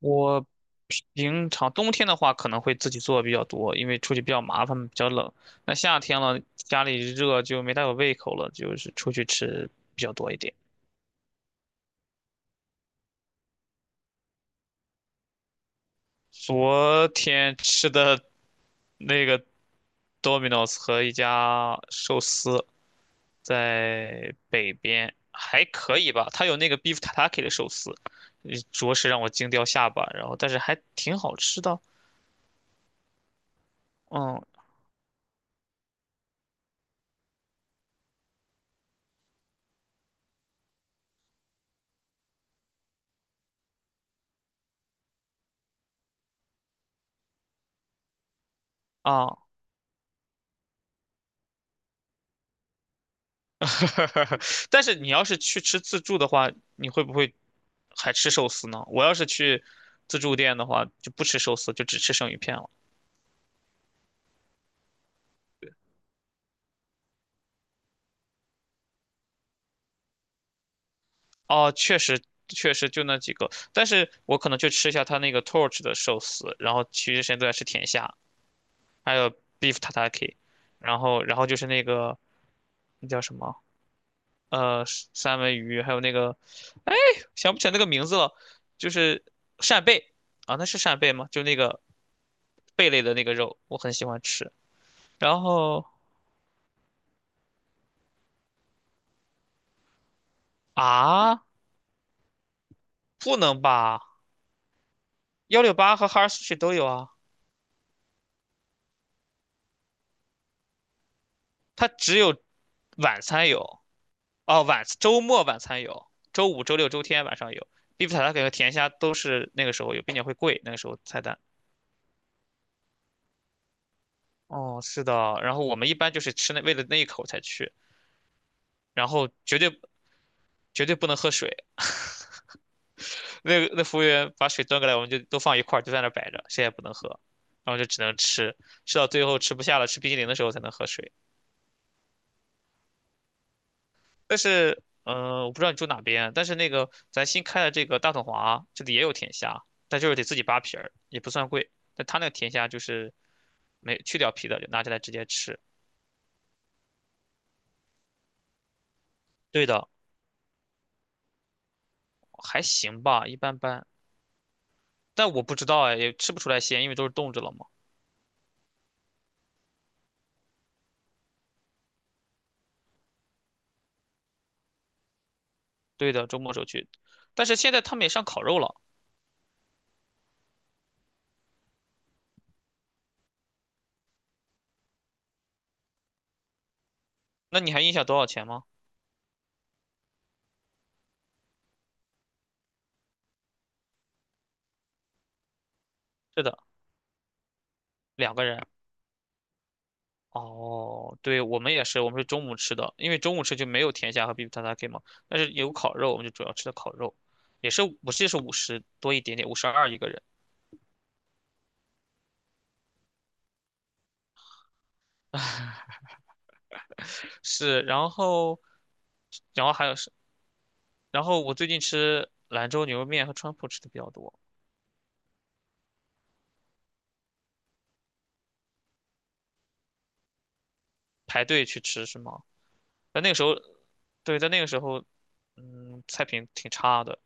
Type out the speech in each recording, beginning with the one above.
我平常冬天的话可能会自己做比较多，因为出去比较麻烦，比较冷。那夏天了，家里热就没大有胃口了，就是出去吃比较多一点。昨天吃的那个 Domino's 和一家寿司在北边还可以吧，它有那个 beef tataki 的寿司，着实让我惊掉下巴，然后但是还挺好吃的。嗯啊，但是你要是去吃自助的话，你会不会还吃寿司呢？我要是去自助店的话，就不吃寿司，就只吃生鱼片了。哦，确实就那几个，但是我可能就吃一下他那个 Torch 的寿司，然后其余时间都在吃甜虾，还有 beef tataki，然后就是那个那叫什么呃三文鱼，还有那个，哎，想不起来那个名字了，就是扇贝啊，那是扇贝吗？就那个贝类的那个肉，我很喜欢吃。然后啊，不能吧？幺六八和哈尔苏去都有啊，它只有晚餐有哦，晚周末晚餐有，周五、周六、周天晚上有。必比塔塔给和甜虾都是那个时候有，并且会贵，那个时候菜单。哦，是的，然后我们一般就是吃那为了那一口才去，然后绝对不能喝水。那服务员把水端过来，我们就都放一块儿，就在那儿摆着，谁也不能喝，然后就只能吃，吃到最后吃不下了，吃冰淇淋的时候才能喝水。但是，我不知道你住哪边，但是那个咱新开的这个大统华这里也有甜虾，但就是得自己扒皮儿，也不算贵。但他那个甜虾就是没去掉皮的，就拿起来直接吃。对的，还行吧，一般般。但我不知道哎，也吃不出来鲜，因为都是冻着了嘛。对的，周末时候去，但是现在他们也上烤肉了，那你还印象多少钱吗？是的，2个人。哦，对，我们也是，我们是中午吃的，因为中午吃就没有甜虾和 beef t a t a k 嘛，但是有烤肉，我们就主要吃的烤肉，也是我记得是50多一点点，52一个人。是，然后，然后还有是，然后我最近吃兰州牛肉面和川普吃的比较多，排队去吃是吗？在那个时候，对，在那个时候，嗯，菜品挺差的，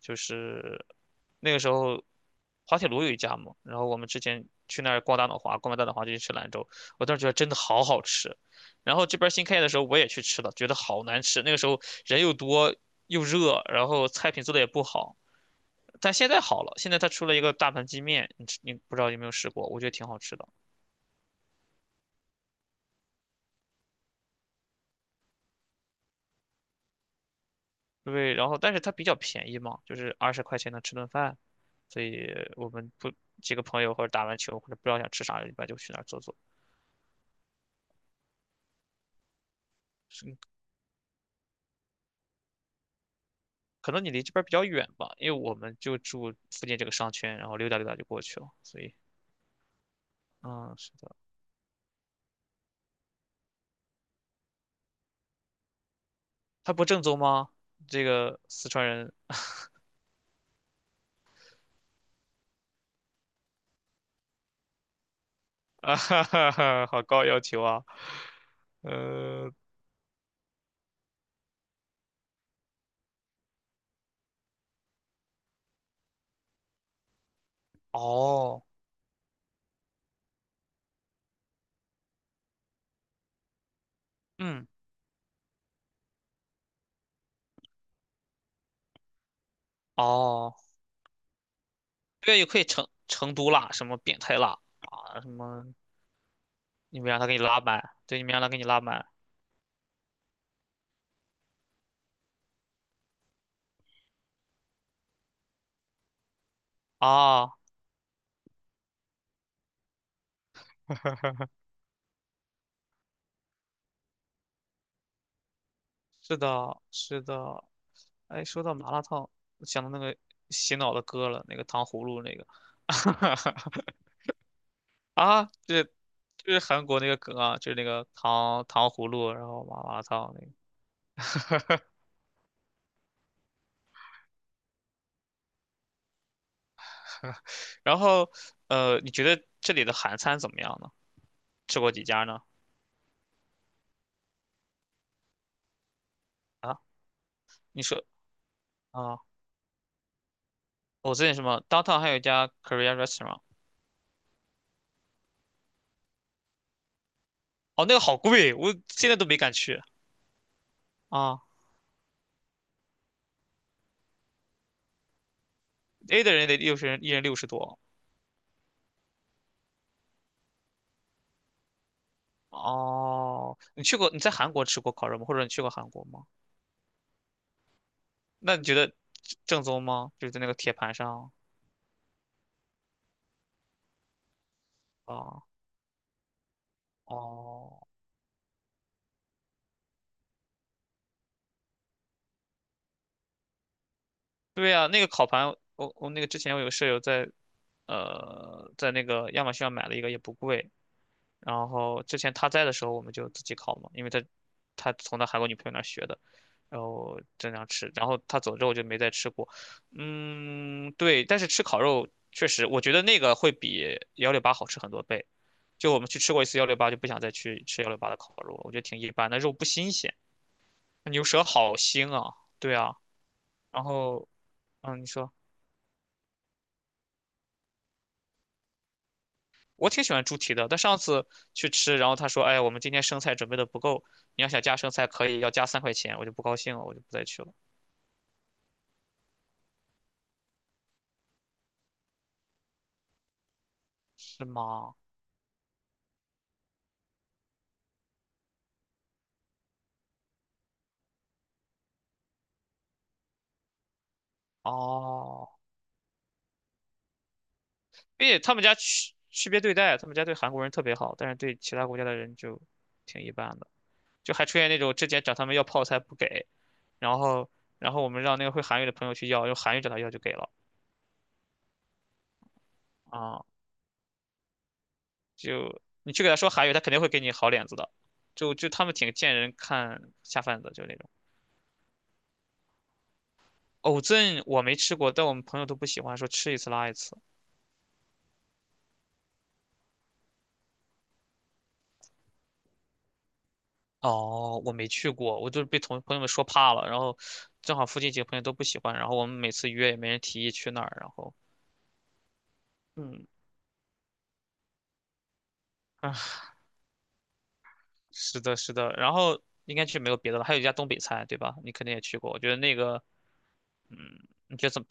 就是那个时候滑铁卢有一家嘛，然后我们之前去那儿逛大脑滑，逛完大脑滑就去吃兰州，我当时觉得真的好好吃。然后这边新开业的时候我也去吃了，觉得好难吃。那个时候人又多又热，然后菜品做的也不好。但现在好了，现在它出了一个大盘鸡面，你不知道有没有试过？我觉得挺好吃的。对，然后但是它比较便宜嘛，就是20块钱能吃顿饭，所以我们不几个朋友或者打完球或者不知道想吃啥，一般就去那儿坐坐。是可能你离这边儿比较远吧，因为我们就住附近这个商圈，然后溜达溜达就过去了。所以，嗯，是的，他不正宗吗？这个四川人啊，哈哈哈，好高要求啊。呃，哦，嗯，哦，对，也可以成都辣，什么变态辣啊，什么你们让他给你拉满，对，你们让他给你拉满啊，是的，是的。哎，说到麻辣烫，我想到那个洗脑的歌了，那个糖葫芦那个。啊，这就是韩国那个梗啊，就是那个糖葫芦，然后麻辣烫那个。然后，你觉得这里的韩餐怎么样呢？吃过几家呢？啊，你说啊，我最近什么 downtown 还有一家 Korean restaurant，哦，那个好贵，我现在都没敢去啊。A 的人得60人，一人60多。哦，你去过？你在韩国吃过烤肉吗？或者你去过韩国吗？那你觉得正宗吗？就是在那个铁盘上啊？哦，对呀、那个烤盘，我那个之前我有个舍友在那个亚马逊上买了一个，也不贵。然后之前他在的时候，我们就自己烤嘛，因为他从他韩国女朋友那儿学的，然后经常吃。然后他走之后就没再吃过。嗯，对，但是吃烤肉确实，我觉得那个会比幺六八好吃很多倍。就我们去吃过一次幺六八，就不想再去吃幺六八的烤肉了，我觉得挺一般的，肉不新鲜，牛舌好腥啊。对啊，然后嗯，你说。我挺喜欢猪蹄的，但上次去吃，然后他说："哎，我们今天生菜准备的不够，你要想加生菜可以，要加3块钱。"我就不高兴了，我就不再去了。是吗？哦，并且他们家区别对待，他们家对韩国人特别好，但是对其他国家的人就挺一般的，就还出现那种之前找他们要泡菜不给，然后然后我们让那个会韩语的朋友去要，用韩语找他要就给了啊，你去给他说韩语，他肯定会给你好脸子的，就他们挺见人看下饭的，就那种。藕镇我没吃过，但我们朋友都不喜欢，说吃一次拉一次。哦，我没去过，我就是被同朋友们说怕了，然后正好附近几个朋友都不喜欢，然后我们每次约也没人提议去那儿，然后嗯啊，是的，是的，然后应该去没有别的了，还有一家东北菜，对吧？你肯定也去过，我觉得那个嗯，你觉得怎么？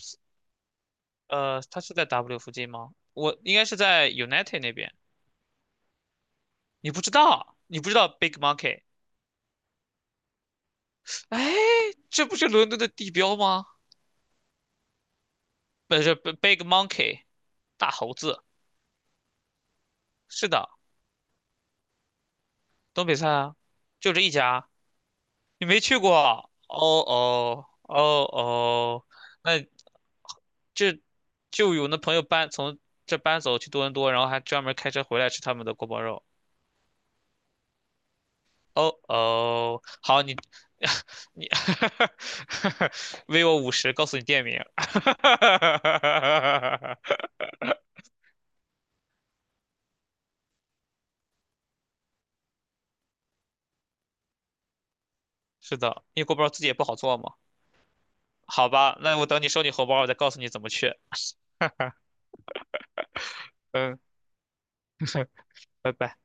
它是在 W 附近吗？我应该是在 United 那边，你不知道，你不知道 Big Monkey，哎，这不是伦敦的地标吗？不是 Big Monkey 大猴子。是的，东北菜啊，就这一家，你没去过？哦哦哦哦，那这就有那朋友从这搬走去多伦多，然后还专门开车回来吃他们的锅包肉。哦哦，好，你 你 微我50，告诉你店名。是的，因为锅包肉自己也不好做嘛。好吧，那我等你收你红包，我再告诉你怎么去。嗯，拜拜。